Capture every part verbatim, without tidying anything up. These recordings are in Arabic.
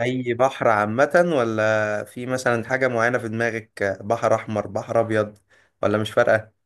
اي بحر عامة، ولا في مثلا حاجة معينة في دماغك؟ بحر احمر، بحر ابيض، ولا مش فارقة؟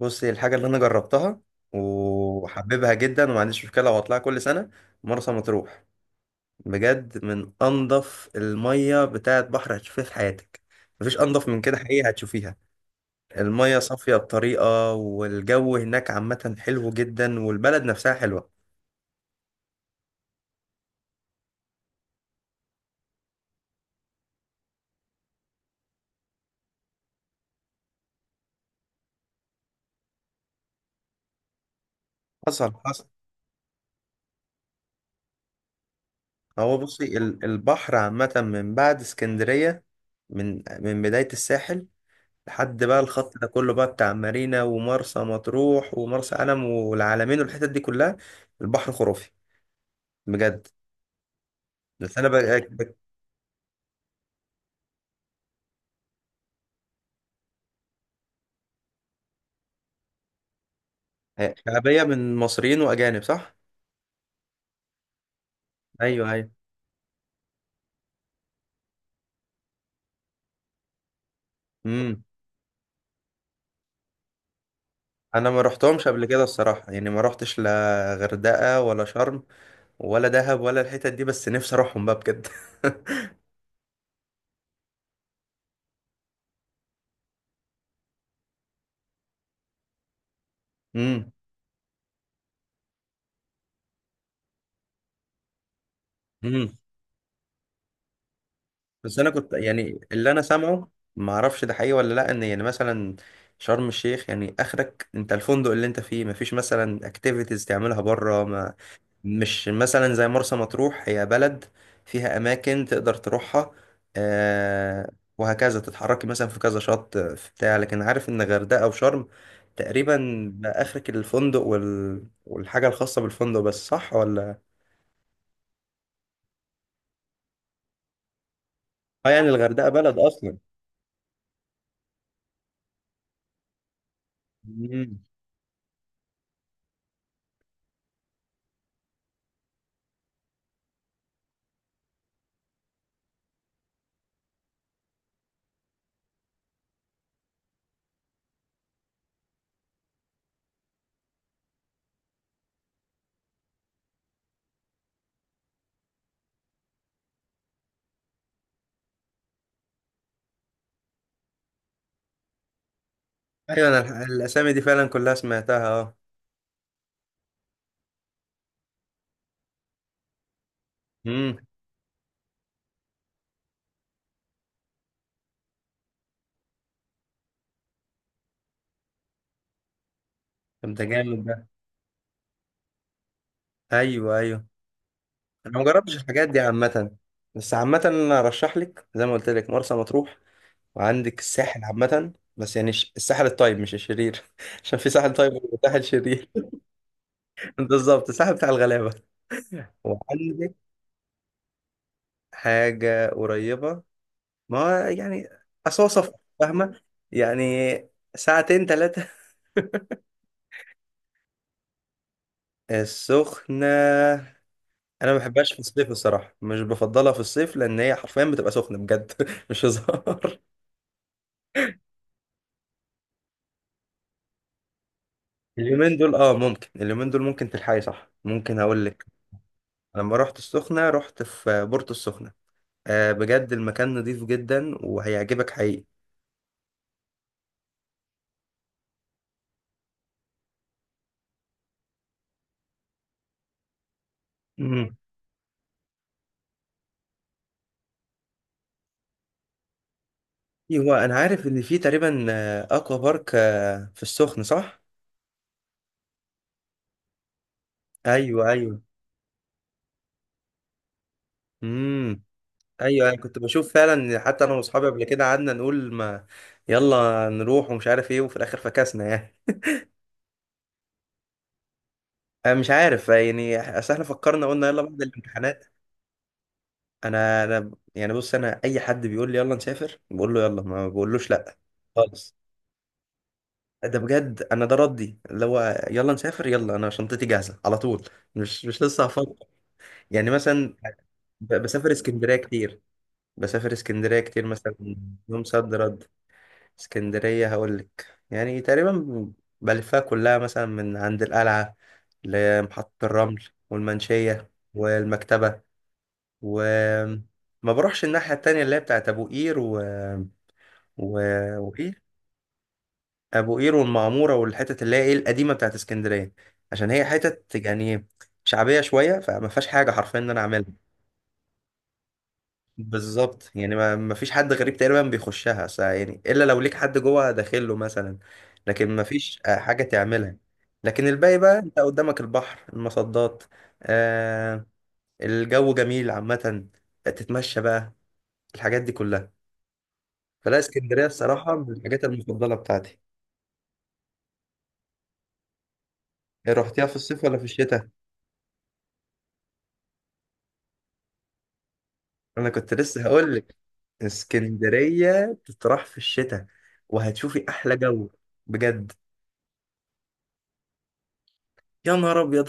بصي، الحاجة اللي انا جربتها وحببها جدا وما عنديش مشكلة واطلعها كل سنة: مرسى مطروح. بجد، من انضف المية بتاعت بحر هتشوفيها في حياتك. مفيش انضف من كده حقيقة هتشوفيها. المية صافية بطريقة، والجو هناك عامة حلو جدا، والبلد نفسها حلوة. حصل حصل. هو بصي، ال- البحر عامة من بعد اسكندرية، من من بداية الساحل لحد بقى الخط ده كله، بقى بتاع مارينا ومرسى مطروح ومرسى علم والعلمين والحتت دي كلها. البحر خرافي، بجد. بس انا بقى بقى- شعبية من مصريين واجانب، صح؟ ايوه، ايوه. امم. انا ما رحتهمش قبل كده الصراحة، يعني ما رحتش لا غردقة ولا شرم ولا دهب ولا الحتت دي، بس نفسي اروحهم بقى بجد امم. بس انا كنت يعني اللي انا سامعه، ما اعرفش ده حقيقي ولا لا، ان يعني مثلا شرم الشيخ يعني اخرك انت الفندق اللي انت فيه، ما فيش مثلا اكتيفيتيز تعملها بره، ما مش مثلا زي مرسى مطروح هي بلد فيها اماكن تقدر تروحها. آه. وهكذا تتحركي مثلا في كذا شط في بتاع، لكن عارف ان غردقة او شرم تقريبا بقى اخرك الفندق وال... والحاجة الخاصة بالفندق بس، صح ولا؟ اه يعني الغردقة بلد اصلا. ايوه انا الح- الاسامي دي فعلا كلها سمعتها. اه. امم. طب ده جامد ده. ايوه ايوه. انا ما جربتش الحاجات دي عامه، بس عامه انا ارشح لك زي ما قلت لك مرسى مطروح. وعندك الساحل عامه، بس يعني الش- الساحل الطيب مش الشرير عشان في ساحل طيب وساحل شرير. بالظبط، الساحل بتاع الغلابه. وعندك حاجة قريبة. ما هو يعني أصوصف. فاهمة. يعني ساعتين ثلاثة. السخنة. انا ما بحبهاش في الصيف الصراحه، مش بفضلها في الصيف، لان هي حرفيا بتبقى سخنه بجد مش هزار. اليومين دول اه ممكن، اليومين دول ممكن تلحقي، صح، ممكن هقول لك. لما رحت السخنه رحت في بورتو السخنه. آه بجد المكان نضيف جدا وهيعجبك حقيقي. امم. ايوه انا عارف ان في تقريبا آه، اكوا بارك آه, في السخنه، صح؟ ايوه ايوه. امم. ايوه انا كنت بشوف فعلا، حتى انا واصحابي قبل كده قعدنا نقول ما يلا نروح ومش عارف ايه، وفي الاخر فكسنا يعني. أنا مش عارف يعني، اصل احنا فكرنا قلنا يلا بعد الامتحانات. انا انا يعني، بص، انا اي حد بيقول لي يلا نسافر بقول له يلا، ما بقولوش لا خالص. ده بجد انا ده ردي، اللي هو يلا نسافر، يلا انا شنطتي جاهزه على طول، مش مش لسه هفكر يعني مثلا. ب- بسافر اسكندريه كتير، بسافر اسكندريه كتير مثلا، يوم صد رد. اسكندريه هقول لك يعني تقريبا بلفها كلها، مثلا من عند القلعه لمحطه الرمل والمنشيه والمكتبه، وما بروحش الناحية التانية اللي هي بتاعت أبو قير و... و... وإيه، أبو قير والمعمورة والحتت اللي هي إيه القديمة بتاعت اسكندرية. عشان هي حتت يعني شعبية شوية، فما فيهاش حاجة حرفيا إن أنا أعملها. بالظبط، يعني ما ما فيش حد غريب تقريبا بيخشها س- يعني، إلا لو ليك حد جوه داخل له مثلا. لكن ما فيش آه، حاجة تعملها. لكن الباقي بقى أنت قدامك البحر المصدات. آه. الجو جميل عامة، تتمشى بقى، الحاجات دي كلها. فلا، اسكندريه الصراحه من الحاجات المفضله بتاعتي. إيه، رحتيها في الصيف ولا في الشتاء؟ انا كنت لسه هقول لك اسكندريه تطرح في الشتاء، وهتشوفي احلى جو. بجد. يا نهار ابيض.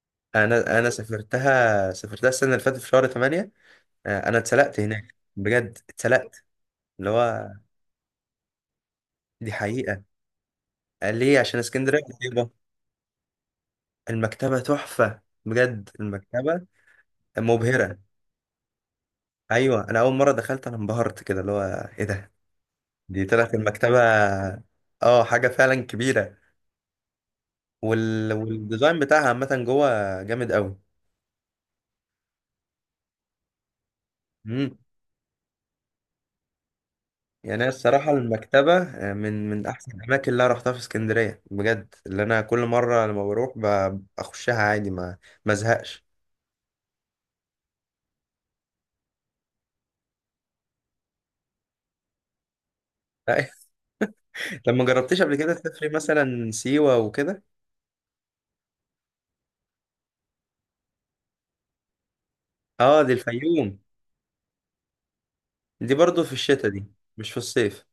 انا انا سافرتها سافرتها السنه اللي فاتت في شهر ثمانية. آه، انا اتسلقت هناك بجد اتسلقت، اللي هو. دي حقيقه. قال ليه عشان اسكندريه قريبه. المكتبه تحفه بجد، المكتبه مبهره. ايوه انا اول مره دخلت انا انبهرت كده، اللي هو ايه ده، دي طلعت المكتبة. اه حاجة فعلا كبيرة. وال... والديزاين بتاعها عامة جوه جامد قوي. امم. يعني أنا الصراحة المكتبة آه، من من أحسن الأماكن اللي أنا رحتها في اسكندرية بجد، اللي أنا كل مرة لما بروح ب- بخشها عادي، ما ما ازهقش. لا. لما جربتيش قبل كده تسافري مثلا سيوة وكده. اه دي الفيوم. دي برضو في الشتاء دي، مش في الصيف.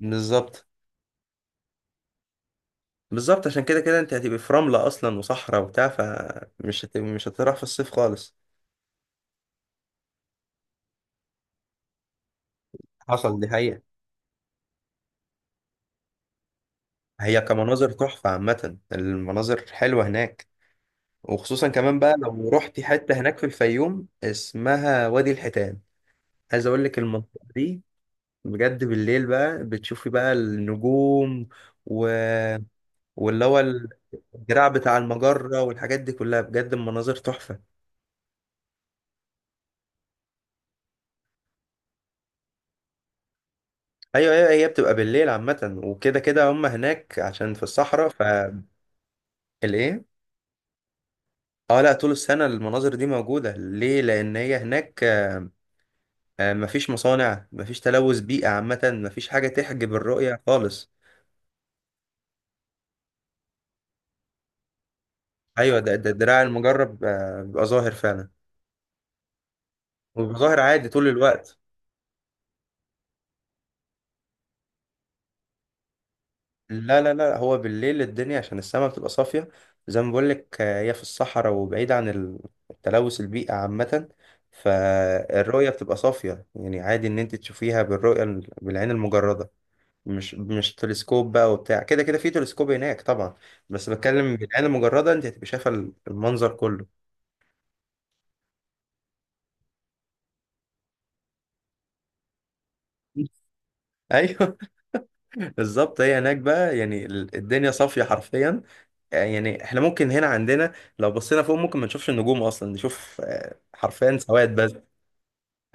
بالظبط. بالظبط، عشان كده كده انت هتبقي في رملة أصلا وصحراء وبتاع، فمش هت... مش هتروح في الصيف خالص. حصل. دي حقيقة. هي كمناظر تحفة عامة، المناظر حلوة هناك. وخصوصا كمان بقى لو رحتي حتة هناك في الفيوم اسمها وادي الحيتان، عايز اقول لك المنطقة دي بجد بالليل بقى بتشوفي بقى النجوم و... واللي هو الدراع بتاع المجرة والحاجات دي كلها. بجد المناظر تحفة. ايوه ايوه. هي بتبقى بالليل عامة، وكده كده هم هناك عشان في الصحراء. فالايه، اه، لا، طول السنة المناظر دي موجودة، ليه؟ لأن هي هناك آه، مفيش مصانع، مفيش تلوث بيئة عامة، مفيش حاجة تحجب الرؤية خالص. أيوة ده, ده الدراع المجرب آه، بيبقى ظاهر فعلا، وبيبقى ظاهر عادي طول الوقت. لا لا لا، هو بالليل الدنيا عشان السماء بتبقى صافية، زي ما بقولك آه، هي في الصحراء وبعيد عن ال- التلوث البيئة عامة، فالرؤية بتبقى صافية يعني عادي إن أنت تشوفيها بالرؤية ال- بالعين المجردة، مش مش تلسكوب بقى، وبتاع كده، كده في تلسكوب هناك طبعا، بس بتكلم بالعين المجردة أنت هتبقى شايفة المنظر كله. ايوه. بالظبط، هي هناك بقى يعني ال- الدنيا صافيه حرفيا، يعني احنا ممكن هنا عندنا لو بصينا فوق ممكن ما نشوفش النجوم اصلا، نشوف آه، حرفيا سواد بس.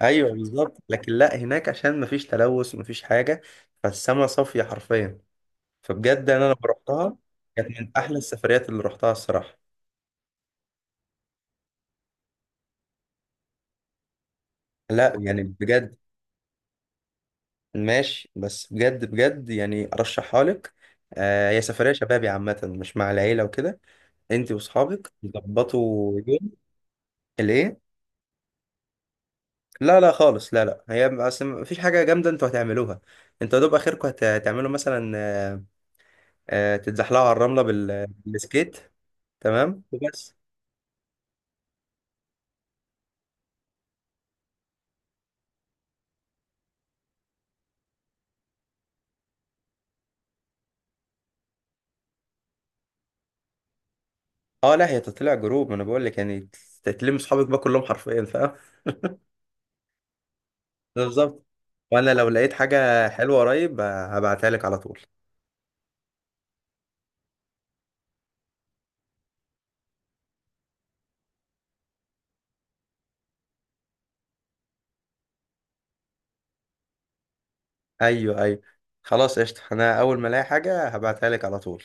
ايوه بالظبط، لكن لا هناك عشان ما فيش تلوث وما فيش حاجه، فالسما صافيه حرفيا. فبجد انا لما رحتها كانت من احلى السفريات اللي رحتها الصراحه. لا، يعني بجد. ماشي، بس بجد بجد يعني ارشحها لك. آه، هي سفريه شبابي عامه، مش مع العيله وكده. انت واصحابك تظبطوا يوم. ليه؟ لا لا خالص، لا لا، هي اصل مفيش حاجه جامده انتوا هتعملوها. انتوا يا دوب اخركم هت- هتعملوا مثلا آه، آه، تتزحلقوا على الرمله بال- بالسكيت. تمام. وبس. اه لا هي تطلع جروب، ما انا بقول لك يعني تتلم اصحابك بقى كلهم حرفيا، فاهم. بالظبط. وانا لو لقيت حاجه حلوه قريب آه، هبعتها لك على طول. ايوه ايوه. خلاص قشطه، انا اول ما الاقي حاجه هبعتها لك على طول.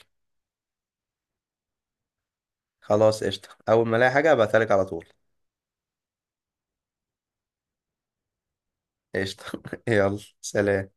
خلاص قشطه، اول ما الاقي حاجه هبعتها لك على طول. قشطه. يلا سلام.